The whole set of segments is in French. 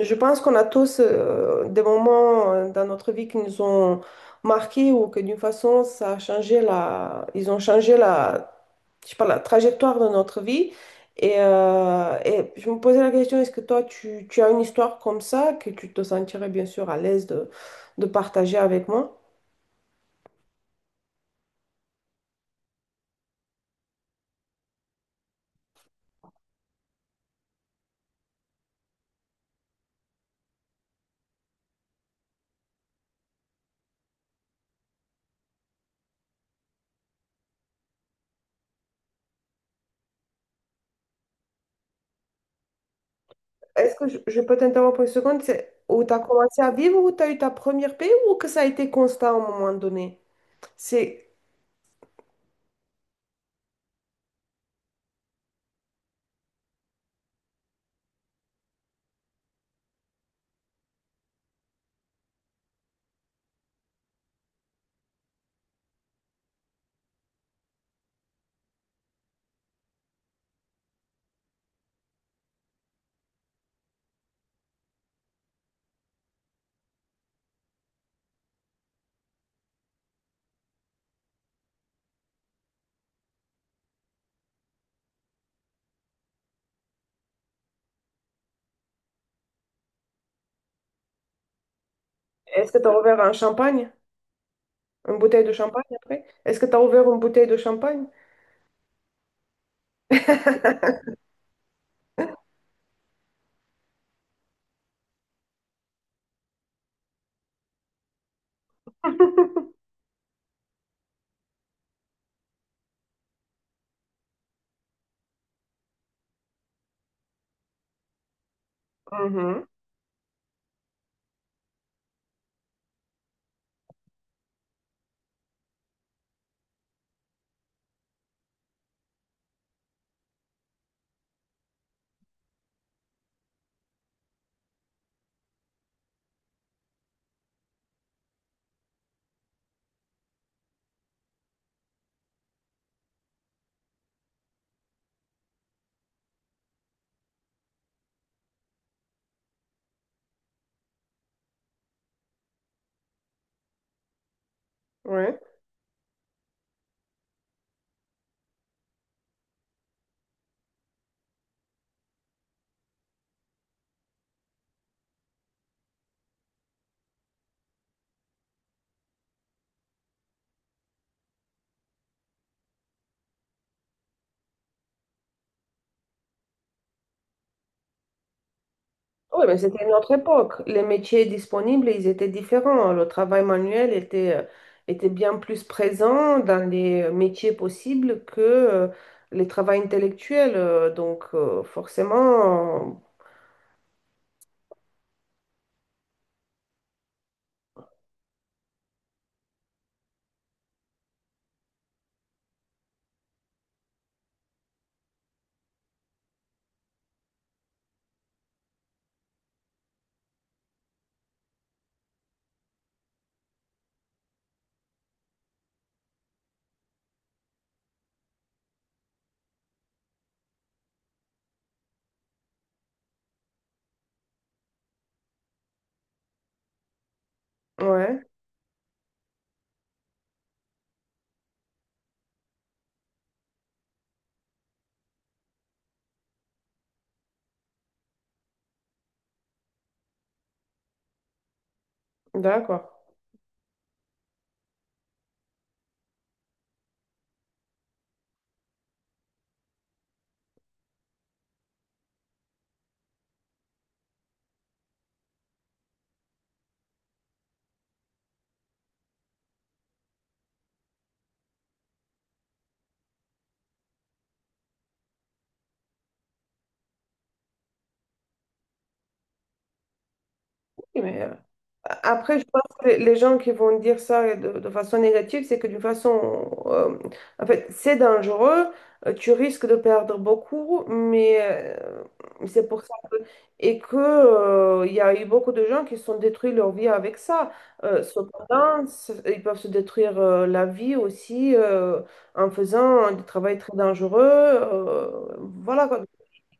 Je pense qu'on a tous des moments dans notre vie qui nous ont marqués ou que d'une façon, ça a changé ils ont changé je sais pas, la trajectoire de notre vie. Et je me posais la question, est-ce que toi, tu as une histoire comme ça que tu te sentirais bien sûr à l'aise de partager avec moi? Est-ce que je peux t'interrompre une seconde? C'est où tu as commencé à vivre, où tu as eu ta première paix ou que ça a été constant à un moment donné? C'est, Est-ce que tu as ouvert un champagne? Une bouteille de champagne après? Est-ce que tu as ouvert une bouteille de champagne? Mhm, ouais. Oui, mais c'était une autre époque. Les métiers disponibles, ils étaient différents, hein. Le travail manuel était, était bien plus présent dans les métiers possibles que les travaux intellectuels. Donc, forcément, ouais, d'accord. Oui, mais après, je pense que les gens qui vont dire ça de façon négative, c'est que d'une façon, en fait, c'est dangereux, tu risques de perdre beaucoup, mais c'est pour ça que, et que, il y a eu beaucoup de gens qui se sont détruits leur vie avec ça. Cependant, ils peuvent se détruire la vie aussi en faisant du travail très dangereux. Euh, voilà, quoi.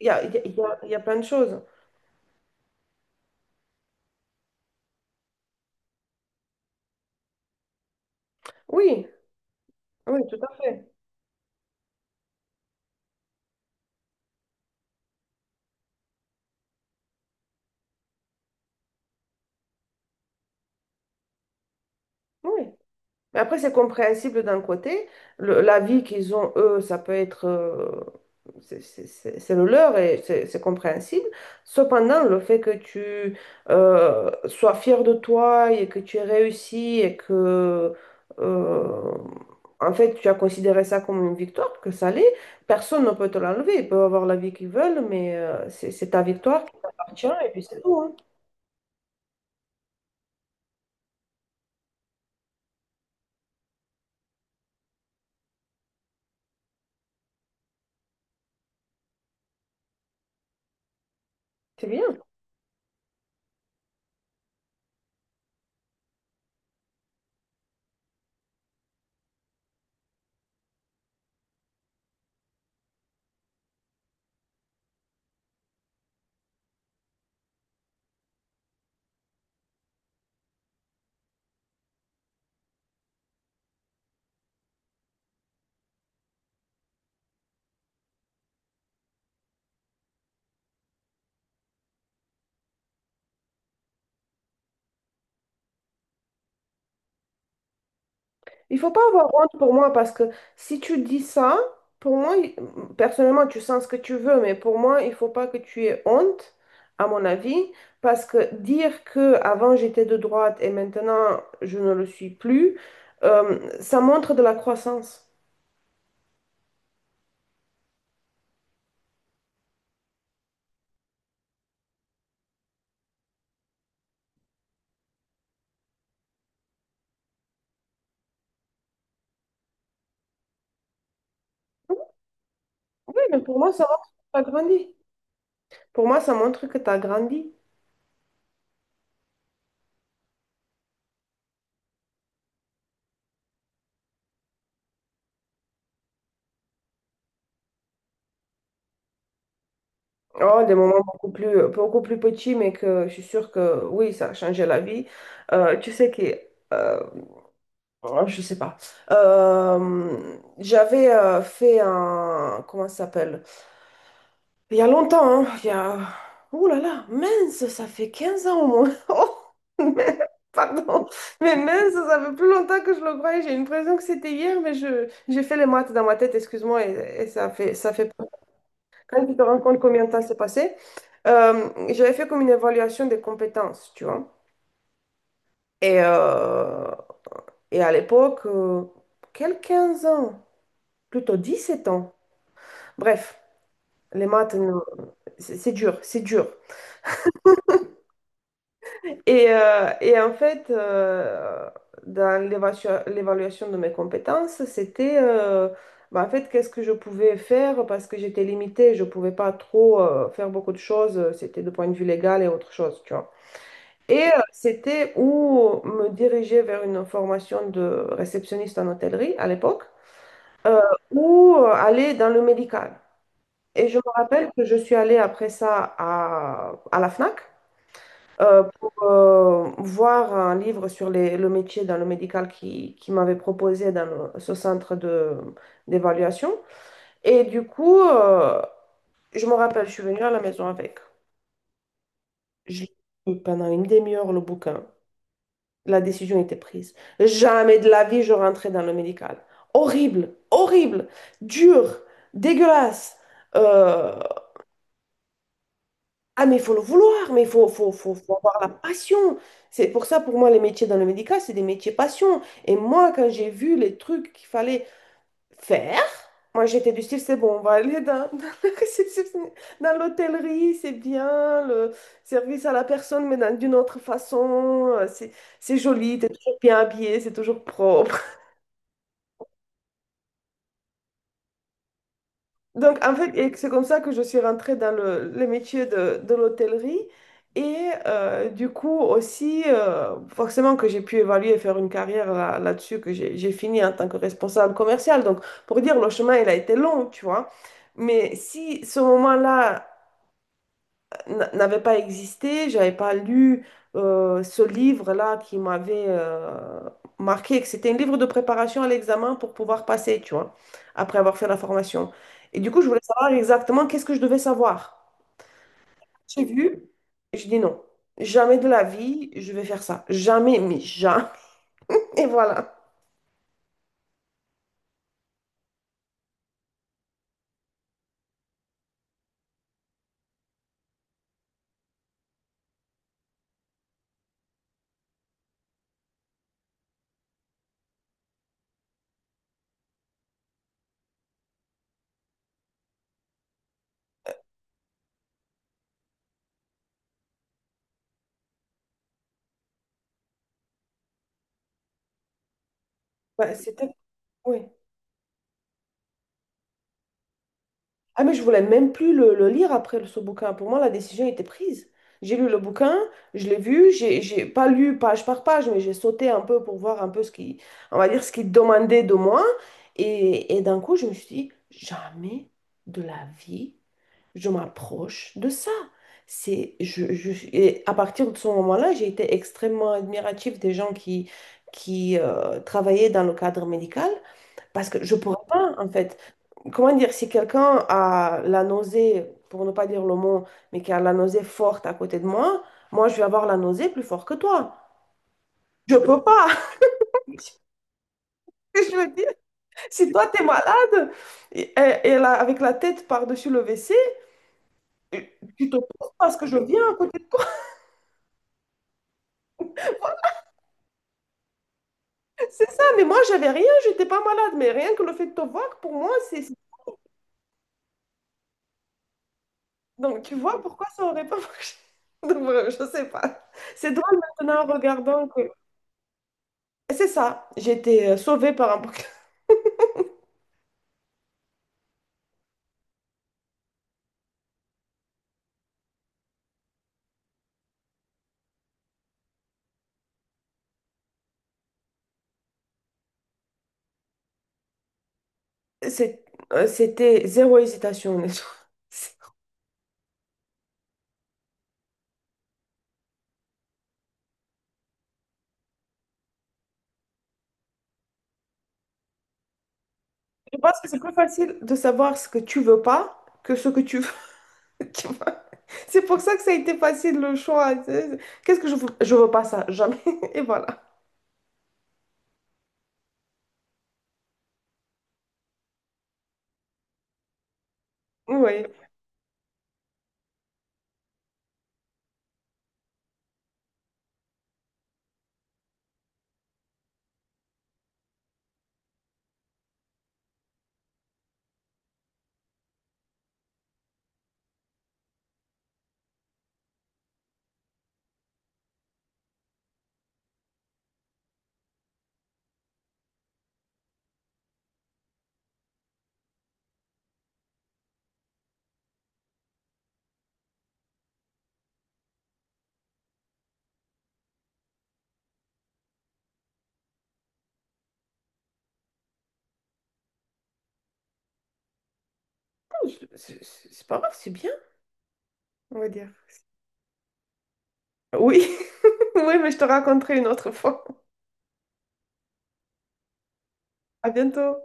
Il y a, il y a, il y a plein de choses. Oui, oui, tout à fait. Oui. Mais après, c'est compréhensible d'un côté. La vie qu'ils ont, eux, ça peut être... c'est le leur et c'est compréhensible. Cependant, le fait que tu sois fier de toi et que tu aies réussi et que... euh, en fait, tu as considéré ça comme une victoire, que ça l'est, personne ne peut te l'enlever. Ils peuvent avoir la vie qu'ils veulent, mais c'est ta victoire qui t'appartient et puis c'est tout, hein. C'est bien. Il faut pas avoir honte pour moi parce que si tu dis ça, pour moi, personnellement, tu sens ce que tu veux, mais pour moi, il faut pas que tu aies honte, à mon avis, parce que dire que avant j'étais de droite et maintenant je ne le suis plus, ça montre de la croissance. Oui, mais pour moi, ça montre que tu as grandi. Pour moi, ça montre que tu as grandi. Oh, des moments beaucoup plus petits, mais que je suis sûre que oui, ça a changé la vie. Tu sais que euh, oh, je sais pas. J'avais fait un... Comment ça s'appelle? Il y a longtemps, hein, il y a... Ouh là là, mince, ça fait 15 ans au moins. Oh, mais- pardon. Mais mince, ça fait plus longtemps que je le croyais. J'ai l'impression que c'était hier, mais je... j'ai fait les maths dans ma tête, excuse-moi, et ça fait... peur. Quand tu te rends compte combien de temps s'est passé, j'avais fait comme une évaluation des compétences, tu vois. Et, euh, et à l'époque, quel 15 ans? Plutôt 17 ans. Bref, les maths, non, c'est dur, c'est dur. Et en fait, dans l'évaluation de mes compétences, c'était, bah, en fait, qu'est-ce que je pouvais faire parce que j'étais limitée, je ne pouvais pas trop faire beaucoup de choses, c'était de point de vue légal et autre chose, tu vois. Et c'était où me diriger vers une formation de réceptionniste en hôtellerie à l'époque, euh, ou aller dans le médical. Et je me rappelle que je suis allée après ça à la FNAC pour voir un livre sur le métier dans le médical qui m'avait proposé dans ce centre d'évaluation. Et du coup, je me rappelle, je suis venue à la maison avec. Je lu pendant une demi-heure le bouquin. La décision était prise. Jamais de la vie je rentrais dans le médical. Horrible, horrible, dur, dégueulasse. Euh, Ah, mais il faut le vouloir, mais faut avoir la passion. C'est pour ça, pour moi, les métiers dans le médical, c'est des métiers passion. Et moi, quand j'ai vu les trucs qu'il fallait faire, moi, j'étais du style, c'est bon, on va aller dans, dans dans l'hôtellerie, c'est bien, le service à la personne, mais d'une autre façon, c'est joli, t'es toujours bien habillé, c'est toujours propre. Donc, en fait, et c'est comme ça que je suis rentrée dans le métier de l'hôtellerie. Et du coup, aussi, forcément que j'ai pu évaluer et faire une carrière là, là-dessus, que j'ai fini en tant que responsable commercial. Donc, pour dire, le chemin, il a été long, tu vois. Mais si ce moment-là n'avait pas existé, j'avais pas lu ce livre-là qui m'avait marqué, que c'était un livre de préparation à l'examen pour pouvoir passer, tu vois, après avoir fait la formation. Et du coup, je voulais savoir exactement qu'est-ce que je devais savoir. J'ai vu, et je dis non, jamais de la vie, je vais faire ça. Jamais, mais jamais. Et voilà. Ouais, c'était... oui. Ah, mais je voulais même plus le lire après ce bouquin. Pour moi, la décision était prise. J'ai lu le bouquin, je l'ai vu, j'ai pas lu page par page, mais j'ai sauté un peu pour voir un peu ce qui, on va dire, ce qu'il demandait de moi. Et d'un coup, je me suis dit, jamais de la vie, je m'approche de ça. Et à partir de ce moment-là, j'ai été extrêmement admirative des gens qui travaillaient dans le cadre médical parce que je pourrais pas, en fait, comment dire, si quelqu'un a la nausée, pour ne pas dire le mot, mais qui a la nausée forte à côté de moi, moi, je vais avoir la nausée plus forte que toi. Je peux pas. Je veux dire, si toi, t'es malade et, et là, avec la tête par-dessus le WC, tu te poses parce que je viens à côté. C'est ça, mais moi, j'avais rien, j'étais pas malade. Mais rien que le fait de te voir, pour moi, c'est- donc, tu vois pourquoi ça aurait pas marché. Donc, voilà, je sais pas. C'est drôle maintenant en regardant que... C'est ça, j'étais sauvée par un... C'est- C'était zéro hésitation, honnêtement. Je pense que c'est plus facile de savoir ce que tu veux pas que ce que tu veux. Tu vois. C'est pour ça que ça a été facile le choix. C'est- qu'est-ce que je veux? Je veux pas ça, jamais. Et voilà. Oui. C'est pas grave, c'est bien, on va dire. Oui. Oui, mais je te raconterai une autre fois. À bientôt.